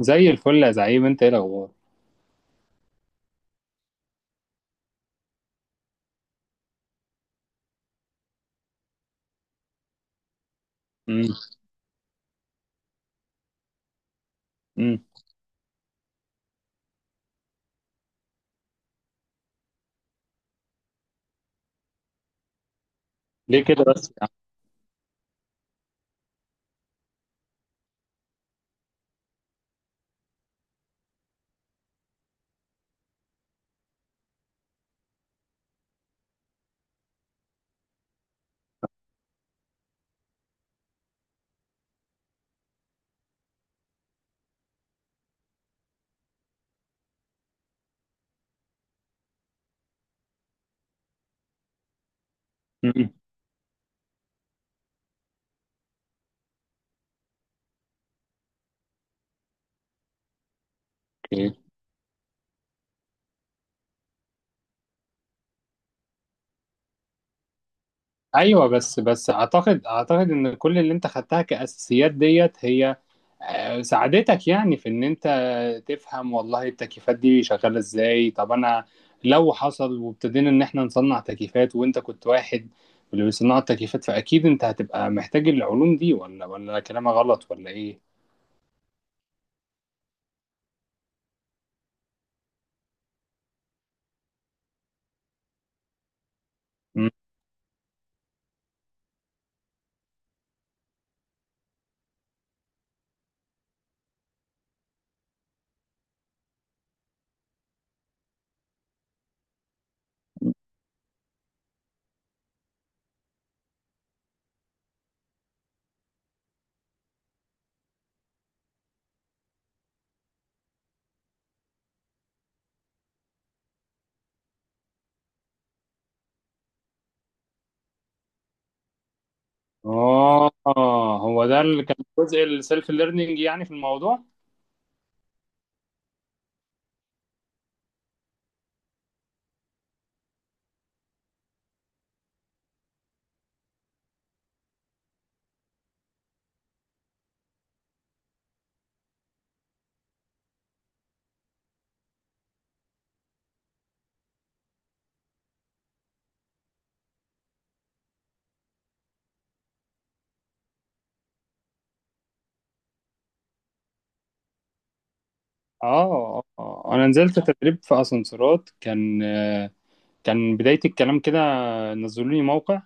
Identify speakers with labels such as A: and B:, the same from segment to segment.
A: زي الفل يا زعيم، انت ايه الاخبار؟ امم. امم. ليه كده بس؟ امم. اوكي. ايوه، بس اعتقد ان كل اللي انت خدتها كاساسيات ديت هي، ساعدتك يعني في ان انت تفهم والله التكييفات دي شغاله ازاي. طب انا لو حصل وابتدينا ان احنا نصنع تكييفات وانت كنت واحد من اللي بيصنعوا التكييفات، فاكيد انت هتبقى محتاج العلوم دي، ولا كلامي غلط ولا ايه؟ مم. اه. هو ده اللي كان جزء السيلف ليرنينج يعني في الموضوع؟ اه آه. انا نزلت تدريب في اسانسيرات، كان كان بداية الكلام كده. نزلوا لي موقع،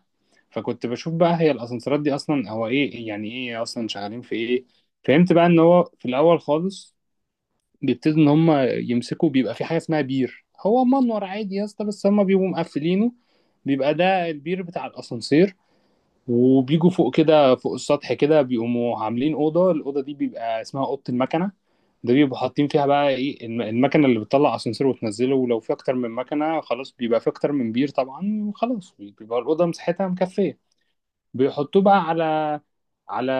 A: فكنت بشوف بقى هي الاسانسيرات دي اصلا هو ايه، يعني ايه اصلا شغالين في ايه. فهمت بقى ان هو في الاول خالص بيبتدوا ان هم يمسكوا، بيبقى في حاجة اسمها بير، هو منور عادي يا اسطى بس هم بيبقوا مقفلينه، بيبقى ده البير بتاع الاسانسير. وبيجوا فوق كده، فوق السطح كده، بيقوموا عاملين اوضه، الاوضه دي بيبقى اسمها اوضه المكنه. ده بيبقوا حاطين فيها بقى ايه، المكنه اللي بتطلع اسانسير وتنزله، ولو في اكتر من مكنه خلاص بيبقى في اكتر من بير طبعا، وخلاص بيبقى الاوضه مساحتها مكفيه. بيحطوه بقى على على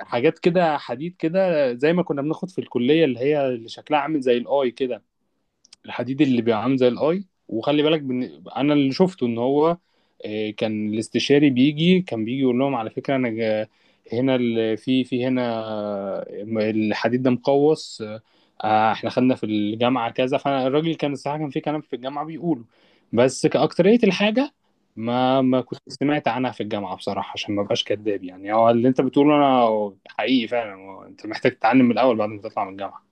A: حاجات كده حديد كده، زي ما كنا بناخد في الكليه، اللي هي اللي شكلها عامل زي الاي كده، الحديد اللي بيبقى عامل زي الاي، وخلي بالك. انا اللي شفته ان هو، كان الاستشاري بيجي، كان بيجي يقول لهم على فكره، انا هنا في هنا آه، الحديد ده مقوس، احنا خدنا في الجامعه كذا. فالراجل كان الصراحه كان في كلام في الجامعه بيقوله، بس كأكترية الحاجه ما كنت سمعت عنها في الجامعه بصراحه، عشان ما بقاش كداب. يعني هو اللي انت بتقوله انا حقيقي فعلا، هو انت محتاج تتعلم من الاول بعد ما تطلع من الجامعه.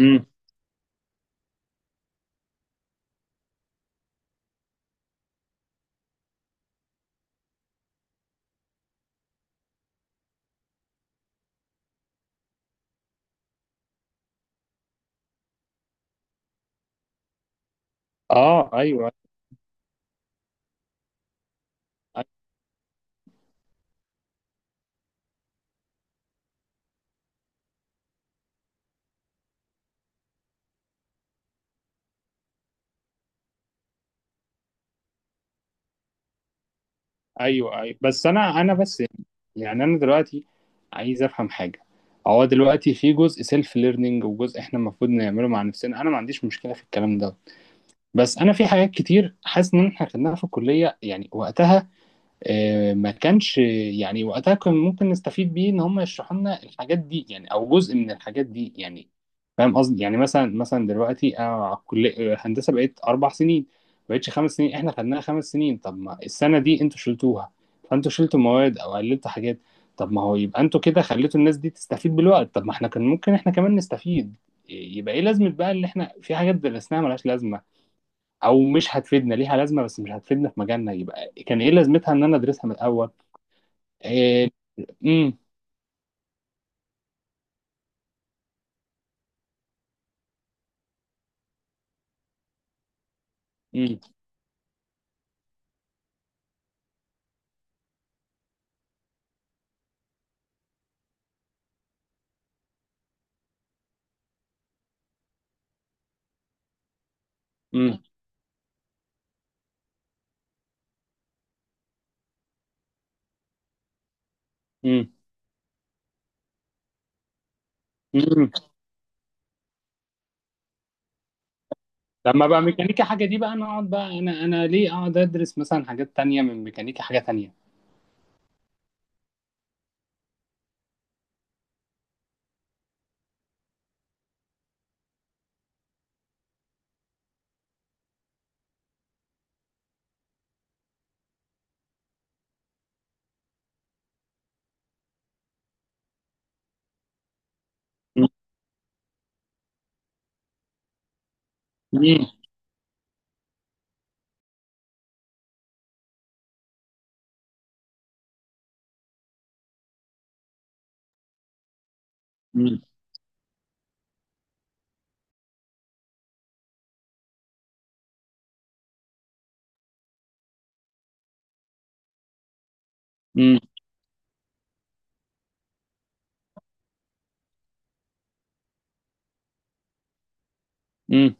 A: امم. اه، ايوه، ايوه. ايوه، بس انا بس يعني، انا دلوقتي عايز افهم حاجه. هو دلوقتي في جزء سيلف ليرنينج وجزء احنا المفروض نعمله مع نفسنا، انا ما عنديش مشكله في الكلام ده، بس انا في حاجات كتير حاسس ان احنا خدناها في الكليه يعني وقتها، ما كانش يعني وقتها كان ممكن نستفيد بيه ان هم يشرحوا لنا الحاجات دي يعني، او جزء من الحاجات دي يعني. فاهم قصدي؟ يعني مثلا دلوقتي انا على الكليه هندسه بقيت 4 سنين، ما بقتش 5 سنين، احنا خدناها 5 سنين. طب ما السنه دي انتوا شلتوها، فانتوا شلتوا مواد او قللتوا حاجات، طب ما هو يبقى انتوا كده خليتوا الناس دي تستفيد بالوقت، طب ما احنا كان ممكن احنا كمان نستفيد. يبقى ايه لازمه بقى اللي احنا في حاجات درسناها ملهاش لازمه، او مش هتفيدنا ليها لازمه بس مش هتفيدنا في مجالنا، يبقى كان ايه لازمتها ان انا ادرسها من الاول؟ إيه... امم. امم. امم. امم. امم. لما بقى ميكانيكا حاجه دي بقى، انا اقعد بقى، انا ليه اقعد ادرس مثلا حاجات تانية من ميكانيكا حاجه تانية؟ امم. امم. امم. إمم. إمم.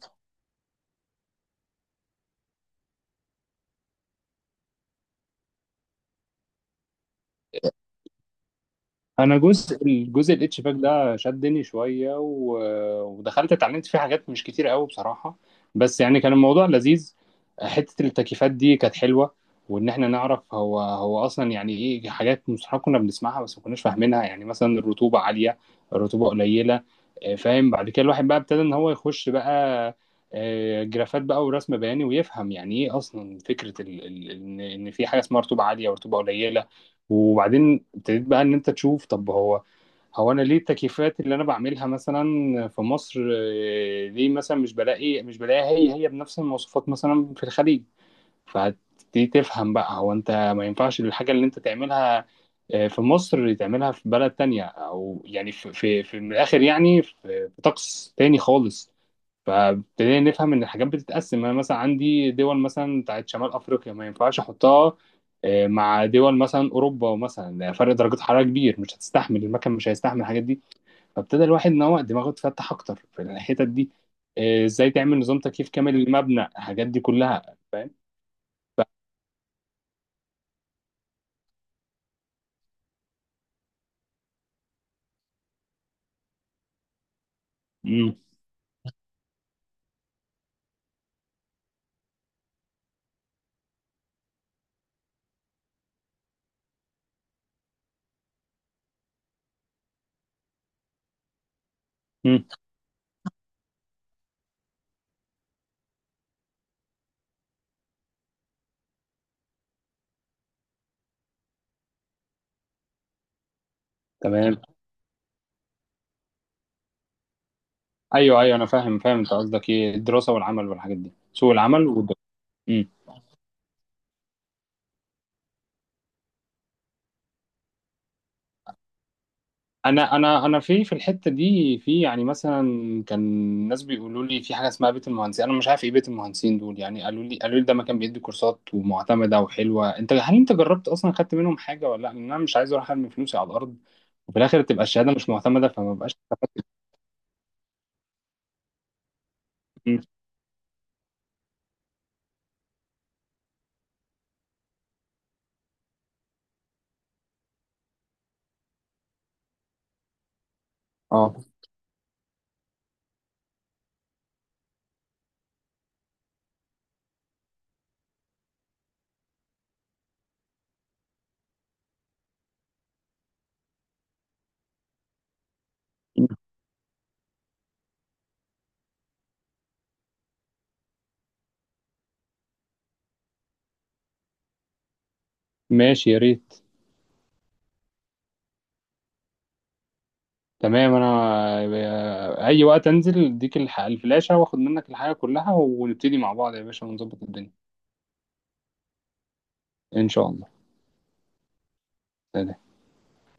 A: انا الجزء الاتش باك ده شدني شويه، ودخلت اتعلمت فيه حاجات مش كتير قوي بصراحه، بس يعني كان الموضوع لذيذ. حته التكييفات دي كانت حلوه، وان احنا نعرف هو اصلا يعني ايه، حاجات مصطلحات كنا بنسمعها بس ما كناش فاهمينها، يعني مثلا الرطوبه عاليه، الرطوبه قليله، فاهم. بعد كده الواحد بقى ابتدى ان هو يخش بقى جرافات بقى ورسم بياني، ويفهم يعني ايه اصلا فكره ان في حاجه اسمها رطوبه عاليه ورطوبه قليله. وبعدين ابتديت بقى ان انت تشوف، طب هو انا ليه التكييفات اللي انا بعملها مثلا في مصر، ليه مثلا مش بلاقيها هي بنفس المواصفات مثلا في الخليج؟ فهتبتدي تفهم بقى، هو انت ما ينفعش الحاجة اللي انت تعملها في مصر تعملها في بلد تانية، او يعني في من الاخر، يعني في في طقس تاني خالص. فابتدينا نفهم ان الحاجات بتتقسم. انا مثلا عندي دول مثلا بتاعت شمال افريقيا ما ينفعش احطها مع دول مثلا اوروبا مثلا، ده فرق درجات حراره كبير، مش هتستحمل المكن، مش هيستحمل الحاجات دي. فابتدى الواحد ان هو دماغه تفتح اكتر في الحتت دي، ازاي تعمل نظام تكييف كامل للمبنى، الحاجات دي كلها، فاهم. امم. امم. تمام. ايوه، ايوه، انا فاهم، انت قصدك ايه، الدراسه والعمل والحاجات دي، سوق العمل والدراسه. انا في الحته دي، في يعني مثلا، كان ناس بيقولوا لي في حاجه اسمها بيت المهندسين، انا مش عارف ايه بيت المهندسين دول يعني، قالوا لي ده مكان بيدي كورسات ومعتمده وحلوه. انت هل انت جربت اصلا خدت منهم حاجه ولا لا؟ لان انا مش عايز اروح ارمي فلوسي على الارض وفي الاخر تبقى الشهاده مش معتمده فما بقاش. مم. اه، ماشي يا ريت. تمام، انا اي وقت انزل اديك الفلاشه واخد منك الحاجه كلها، ونبتدي مع بعض يا باشا ونظبط الدنيا. ان شاء الله.